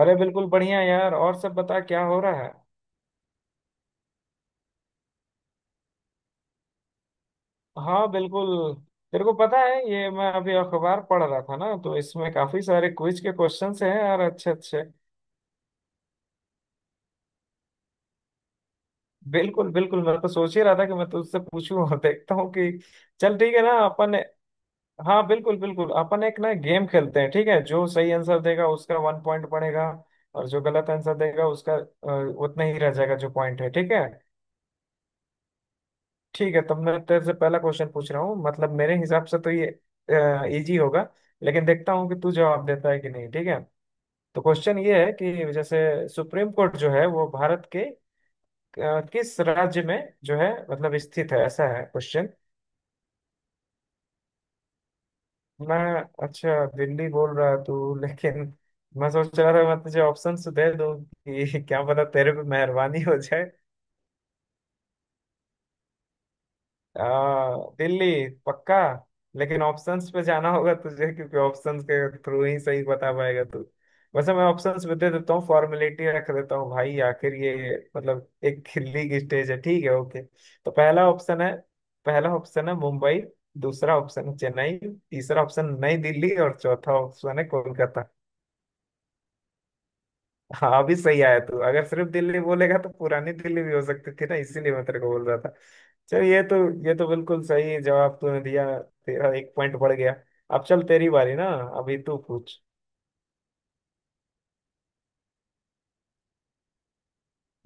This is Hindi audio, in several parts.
अरे बिल्कुल बढ़िया यार। और सब बता, क्या हो रहा है? हाँ, बिल्कुल। तेरे को पता है, ये मैं अभी अखबार पढ़ रहा था ना, तो इसमें काफी सारे क्विज के क्वेश्चंस हैं यार, अच्छे अच्छे। बिल्कुल बिल्कुल, मैं तो सोच ही रहा था कि मैं तुझसे पूछूं और देखता हूँ कि। चल, ठीक है ना अपन। हाँ, बिल्कुल बिल्कुल। अपन एक ना गेम खेलते हैं, ठीक है? जो सही आंसर देगा उसका 1 पॉइंट पड़ेगा। और जो गलत आंसर देगा उसका उतना ही रह जाएगा जो पॉइंट है, ठीक है। ठीक है, तब मैं तेरे से पहला क्वेश्चन पूछ रहा हूँ। मतलब मेरे हिसाब से तो ये इजी होगा, लेकिन देखता हूँ कि तू जवाब देता है कि नहीं, ठीक है। तो क्वेश्चन ये है कि जैसे, सुप्रीम कोर्ट जो है वो भारत के किस राज्य में जो है, मतलब स्थित है, ऐसा है क्वेश्चन। मैं, अच्छा दिल्ली बोल रहा तू लेकिन मैं सोच रहा था मैं तुझे ऑप्शन दे दूँ कि क्या पता तेरे पे मेहरबानी हो। दिल्ली, पक्का? लेकिन ऑप्शंस पे जाना होगा तुझे, क्योंकि ऑप्शंस के थ्रू ही सही बता पाएगा तू। वैसे मैं ऑप्शंस भी दे देता हूँ, फॉर्मेलिटी रख देता हूँ भाई, आखिर ये मतलब एक खिल्ली की स्टेज है, ठीक है, ओके। तो पहला ऑप्शन है मुंबई। दूसरा ऑप्शन है चेन्नई, तीसरा ऑप्शन नई दिल्ली, और चौथा ऑप्शन है कोलकाता। हाँ, भी सही आया तू। अगर सिर्फ दिल्ली बोलेगा तो पुरानी दिल्ली भी हो सकती थी ना, इसीलिए मैं तेरे को बोल रहा था। चल, ये तो बिल्कुल सही जवाब तूने दिया। तेरा 1 पॉइंट बढ़ गया। अब चल तेरी बारी ना, अभी तू पूछ।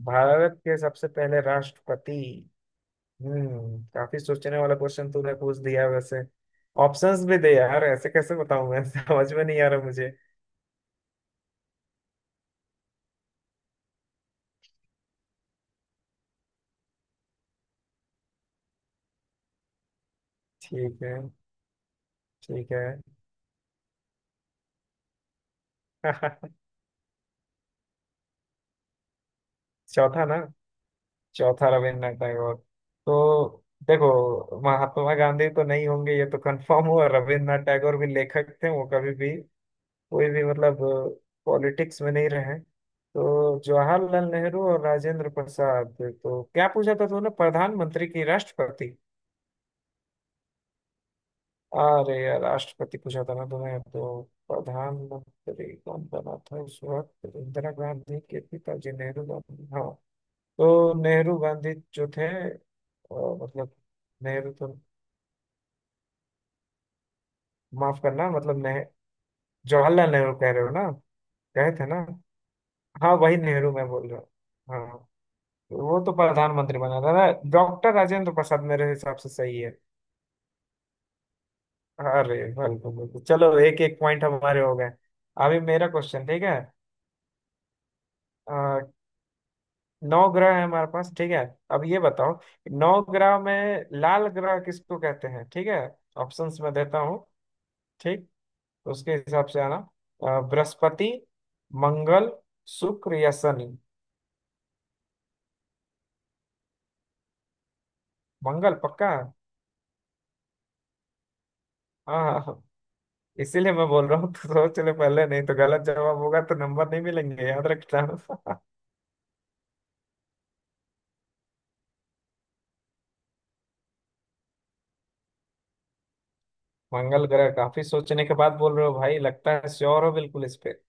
भारत के सबसे पहले राष्ट्रपति। काफी सोचने वाला क्वेश्चन तूने पूछ दिया है वैसे। ऑप्शंस भी दे यार, ऐसे कैसे बताऊं मैं? समझ में नहीं आ रहा मुझे। ठीक है, ठीक है। चौथा ना? चौथा रविन्द्रनाथ टैगोर। तो देखो, महात्मा गांधी तो नहीं होंगे, ये तो कंफर्म हुआ। रविन्द्रनाथ टैगोर भी लेखक थे, वो कभी भी कोई भी मतलब पॉलिटिक्स में नहीं रहे। तो जवाहरलाल नेहरू और राजेंद्र प्रसाद। तो क्या पूछा था तूने, प्रधानमंत्री की राष्ट्रपति? अरे यार, राष्ट्रपति पूछा था ना तूने तो। प्रधानमंत्री कौन बना था उस वक्त? इंदिरा गांधी के पिताजी, नेहरू गांधी, हाँ। तो नेहरू गांधी जो थे, मतलब, नेहरू तो, माफ करना, मतलब नेह जवाहरलाल नेहरू कह रहे हो ना, कहे थे ना। हाँ, वही नेहरू मैं बोल रहा हूँ, हाँ। तो वो तो प्रधानमंत्री बना था ना। डॉक्टर राजेंद्र प्रसाद मेरे हिसाब से सही है। अरे बिल्कुल बिल्कुल, चलो एक एक पॉइंट हमारे हो गए। अभी मेरा क्वेश्चन, ठीक है? अ, नौ ग्रह है हमारे पास, ठीक है। अब ये बताओ कि नौ ग्रह में लाल ग्रह किसको कहते हैं, ठीक है। ऑप्शंस मैं देता हूँ, ठीक। उसके हिसाब से आना, बृहस्पति, मंगल, शुक्र या शनि। मंगल, पक्का? हाँ, हाँ, हाँ। इसीलिए मैं बोल रहा हूँ, तो सोच ले पहले, नहीं तो गलत जवाब होगा तो नंबर नहीं मिलेंगे, याद रखना। मंगल ग्रह, काफी सोचने के बाद बोल रहे हो भाई, लगता है श्योर हो बिल्कुल इस पे।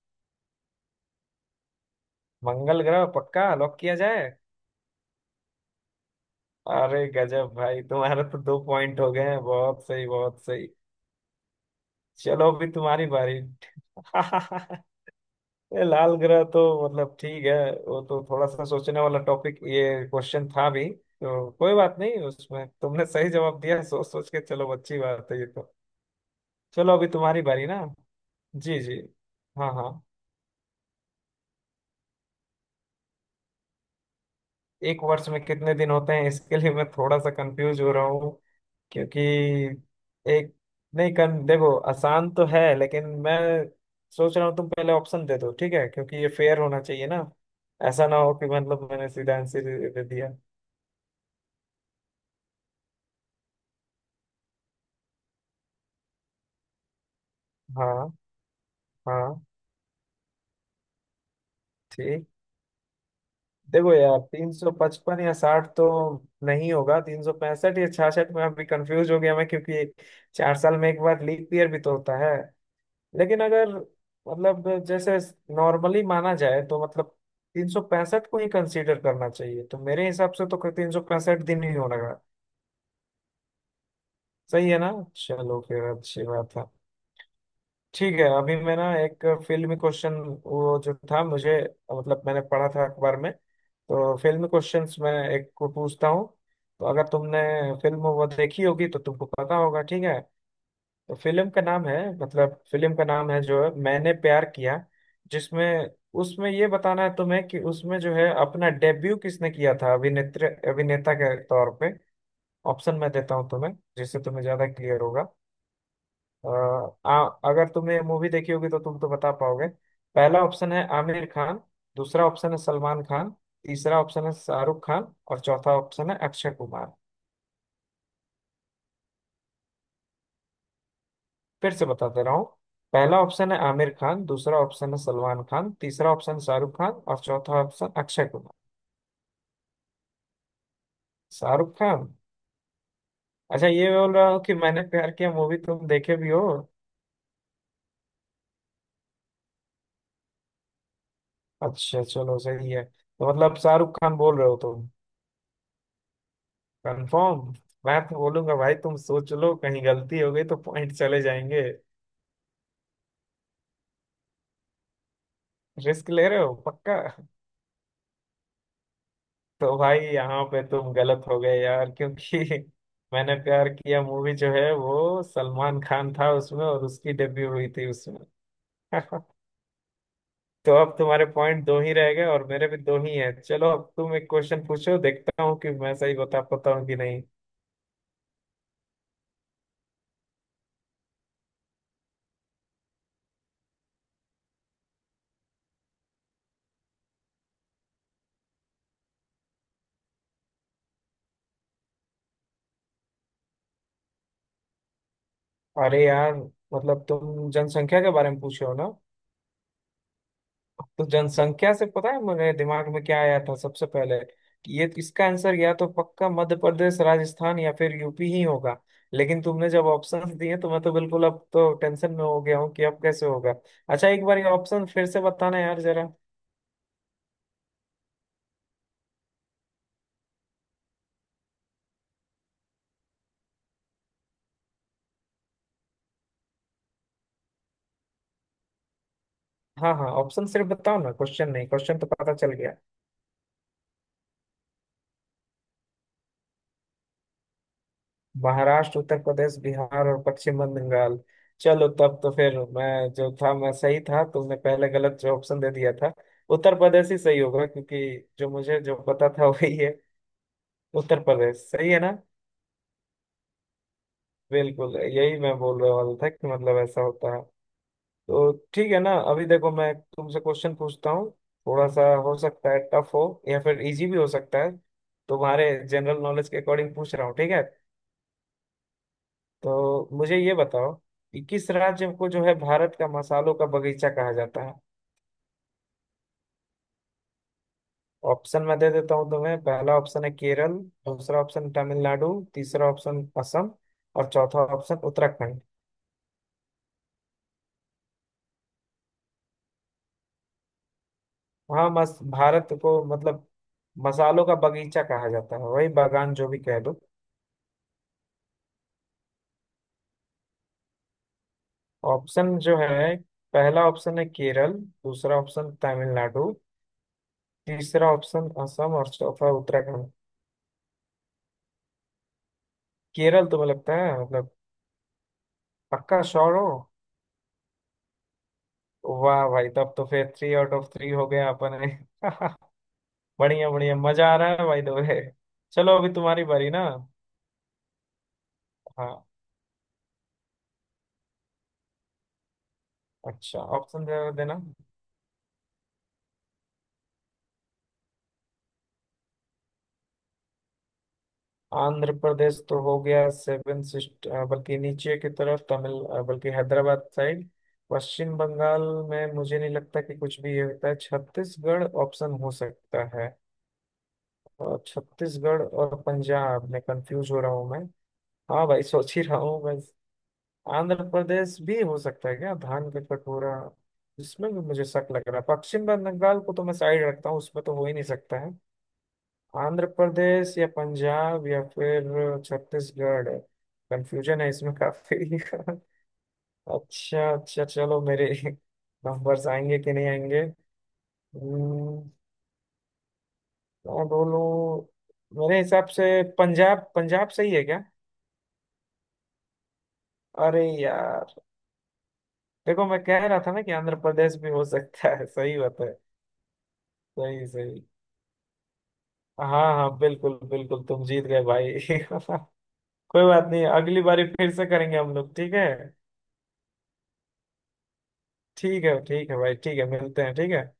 मंगल ग्रह पक्का, लॉक किया जाए? अरे गजब भाई, तुम्हारा तो 2 पॉइंट हो गए हैं। बहुत सही, बहुत सही। चलो अभी तुम्हारी बारी। ये लाल ग्रह तो, मतलब ठीक है, वो तो थोड़ा सा सोचने वाला टॉपिक ये क्वेश्चन था भी, तो कोई बात नहीं, उसमें तुमने सही जवाब दिया सोच सोच के। चलो, अच्छी बात है ये तो। चलो अभी तुम्हारी बारी ना। जी जी। हाँ, हाँ। एक वर्ष में कितने दिन होते हैं, इसके लिए मैं थोड़ा सा कंफ्यूज हो रहा हूँ, क्योंकि एक, नहीं, कन देखो आसान तो है, लेकिन मैं सोच रहा हूँ तुम पहले ऑप्शन दे दो, ठीक है, क्योंकि ये फेयर होना चाहिए ना। ऐसा ना हो कि मतलब मैंने सीधा आंसर दे दिया। हाँ, हाँ, ठीक। देखो यार, 355 या साठ तो नहीं होगा, 365 या छियासठ में अभी कंफ्यूज हो गया मैं, क्योंकि 4 साल में एक बार लीप ईयर भी तो होता है। लेकिन अगर, मतलब जैसे नॉर्मली माना जाए, तो मतलब 365 को ही कंसीडर करना चाहिए। तो मेरे हिसाब से तो 365 दिन ही होगा। सही है ना? चलो फिर, अच्छी बात है। ठीक है, अभी मैं ना एक फिल्मी क्वेश्चन, वो जो था मुझे, मतलब मैंने पढ़ा था अखबार में, तो फिल्मी क्वेश्चंस मैं एक को पूछता हूँ। तो अगर तुमने फिल्म वो देखी होगी तो तुमको पता होगा, ठीक है। तो फिल्म का नाम है, मतलब फिल्म का नाम है जो है मैंने प्यार किया, जिसमें, उसमें ये बताना है तुम्हें कि उसमें जो है अपना डेब्यू किसने किया था, अभिनेत्री अभिनेता के तौर पे। ऑप्शन मैं देता हूँ तुम्हें, जिससे तुम्हें ज्यादा क्लियर होगा। अ, आ, अगर तुमने मूवी देखी होगी तो तुम तो बता पाओगे। पहला ऑप्शन है आमिर खान, दूसरा ऑप्शन है सलमान खान, तीसरा ऑप्शन है शाहरुख खान, और चौथा ऑप्शन है अक्षय कुमार। फिर से बता दे रहा हूँ। पहला ऑप्शन है आमिर खान, दूसरा ऑप्शन है सलमान खान, तीसरा ऑप्शन शाहरुख खान, और चौथा ऑप्शन अक्षय कुमार। शाहरुख खान? अच्छा, ये बोल रहा हूँ कि मैंने प्यार किया मूवी तुम देखे भी हो? अच्छा चलो, सही है। तो मतलब शाहरुख खान बोल रहे हो तुम, कंफर्म? मैं तो बोलूंगा भाई, तुम सोच लो, कहीं गलती हो गई तो पॉइंट चले जाएंगे। रिस्क ले रहे हो, पक्का? तो भाई यहाँ पे तुम गलत हो गए यार, क्योंकि मैंने प्यार किया मूवी जो है वो सलमान खान था उसमें, और उसकी डेब्यू हुई थी उसमें। तो अब तुम्हारे पॉइंट दो ही रह गए, और मेरे भी दो ही हैं। चलो अब तुम एक क्वेश्चन पूछो, देखता हूँ कि मैं सही बता पाता हूँ कि नहीं। अरे यार, मतलब तुम जनसंख्या के बारे में पूछे हो ना? तो जनसंख्या से, पता है मेरे दिमाग में क्या आया था सबसे पहले? कि ये इसका आंसर या तो पक्का मध्य प्रदेश, राजस्थान, या फिर यूपी ही होगा। लेकिन तुमने जब ऑप्शंस दिए तो मैं तो बिल्कुल, अब तो टेंशन में हो गया हूँ कि अब कैसे होगा। अच्छा, एक बार ये ऑप्शन फिर से बताना यार जरा। हाँ, हाँ, ऑप्शन सिर्फ बताओ ना, क्वेश्चन नहीं, क्वेश्चन तो पता चल गया। महाराष्ट्र, उत्तर प्रदेश, बिहार और पश्चिम बंगाल। चलो तब तो फिर, मैं जो था मैं सही था, तुमने पहले गलत जो ऑप्शन दे दिया था। उत्तर प्रदेश ही सही होगा, क्योंकि जो मुझे जो पता था वही है। उत्तर प्रदेश सही है ना? बिल्कुल यही मैं बोलने वाला था कि मतलब ऐसा होता है। तो ठीक है ना, अभी देखो मैं तुमसे क्वेश्चन पूछता हूँ। थोड़ा सा हो सकता है टफ हो, या फिर इजी भी हो सकता है। तुम्हारे जनरल नॉलेज के अकॉर्डिंग पूछ रहा हूँ, ठीक है। तो मुझे ये बताओ कि किस राज्य को जो है भारत का मसालों का बगीचा कहा जाता है। ऑप्शन मैं दे देता हूँ तुम्हें। पहला ऑप्शन है केरल, दूसरा ऑप्शन तमिलनाडु, तीसरा ऑप्शन असम, और चौथा ऑप्शन उत्तराखंड। वहाँ मस भारत को, मतलब मसालों का बगीचा कहा जाता है, वही बागान जो भी कह दो। ऑप्शन जो है, पहला ऑप्शन है केरल, दूसरा ऑप्शन तमिलनाडु, तीसरा ऑप्शन असम और चौथा उत्तराखंड। केरल तुम्हें लगता है, मतलब? पक्का श्योर हो? वाह भाई, तब तो फिर थ्री आउट ऑफ थ्री हो गया अपन ने। बढ़िया बढ़िया, मजा आ रहा है भाई। दो है। चलो अभी तुम्हारी बारी ना। हाँ, अच्छा ऑप्शन दे देना। आंध्र प्रदेश तो हो गया सेवन सिस्ट, बल्कि नीचे की तरफ तमिल, बल्कि हैदराबाद साइड। पश्चिम बंगाल में मुझे नहीं लगता कि कुछ भी ये होता है। छत्तीसगढ़ ऑप्शन हो सकता है, और छत्तीसगढ़ और पंजाब में कंफ्यूज हो रहा हूँ मैं। हाँ भाई, सोच ही रहा हूँ मैं। आंध्र प्रदेश भी हो सकता है क्या धान का कटोरा? जिसमें भी मुझे शक लग रहा है पश्चिम बंगाल को, तो मैं साइड रखता हूँ, उसमें तो हो ही नहीं सकता है। आंध्र प्रदेश या पंजाब या फिर छत्तीसगढ़, कंफ्यूजन है इसमें काफी। अच्छा अच्छा, चलो मेरे नंबर्स आएंगे कि नहीं आएंगे? हम्म, मैं बोलूँ? मेरे हिसाब से पंजाब, पंजाब सही है क्या? अरे यार, देखो मैं कह रहा था ना कि आंध्र प्रदेश भी हो सकता है। सही बात है। सही, सही, हाँ हाँ, बिल्कुल बिल्कुल, तुम जीत गए भाई। कोई बात नहीं, अगली बारी फिर से करेंगे हम लोग, ठीक है। ठीक है, ठीक है भाई, ठीक है, मिलते हैं, ठीक है।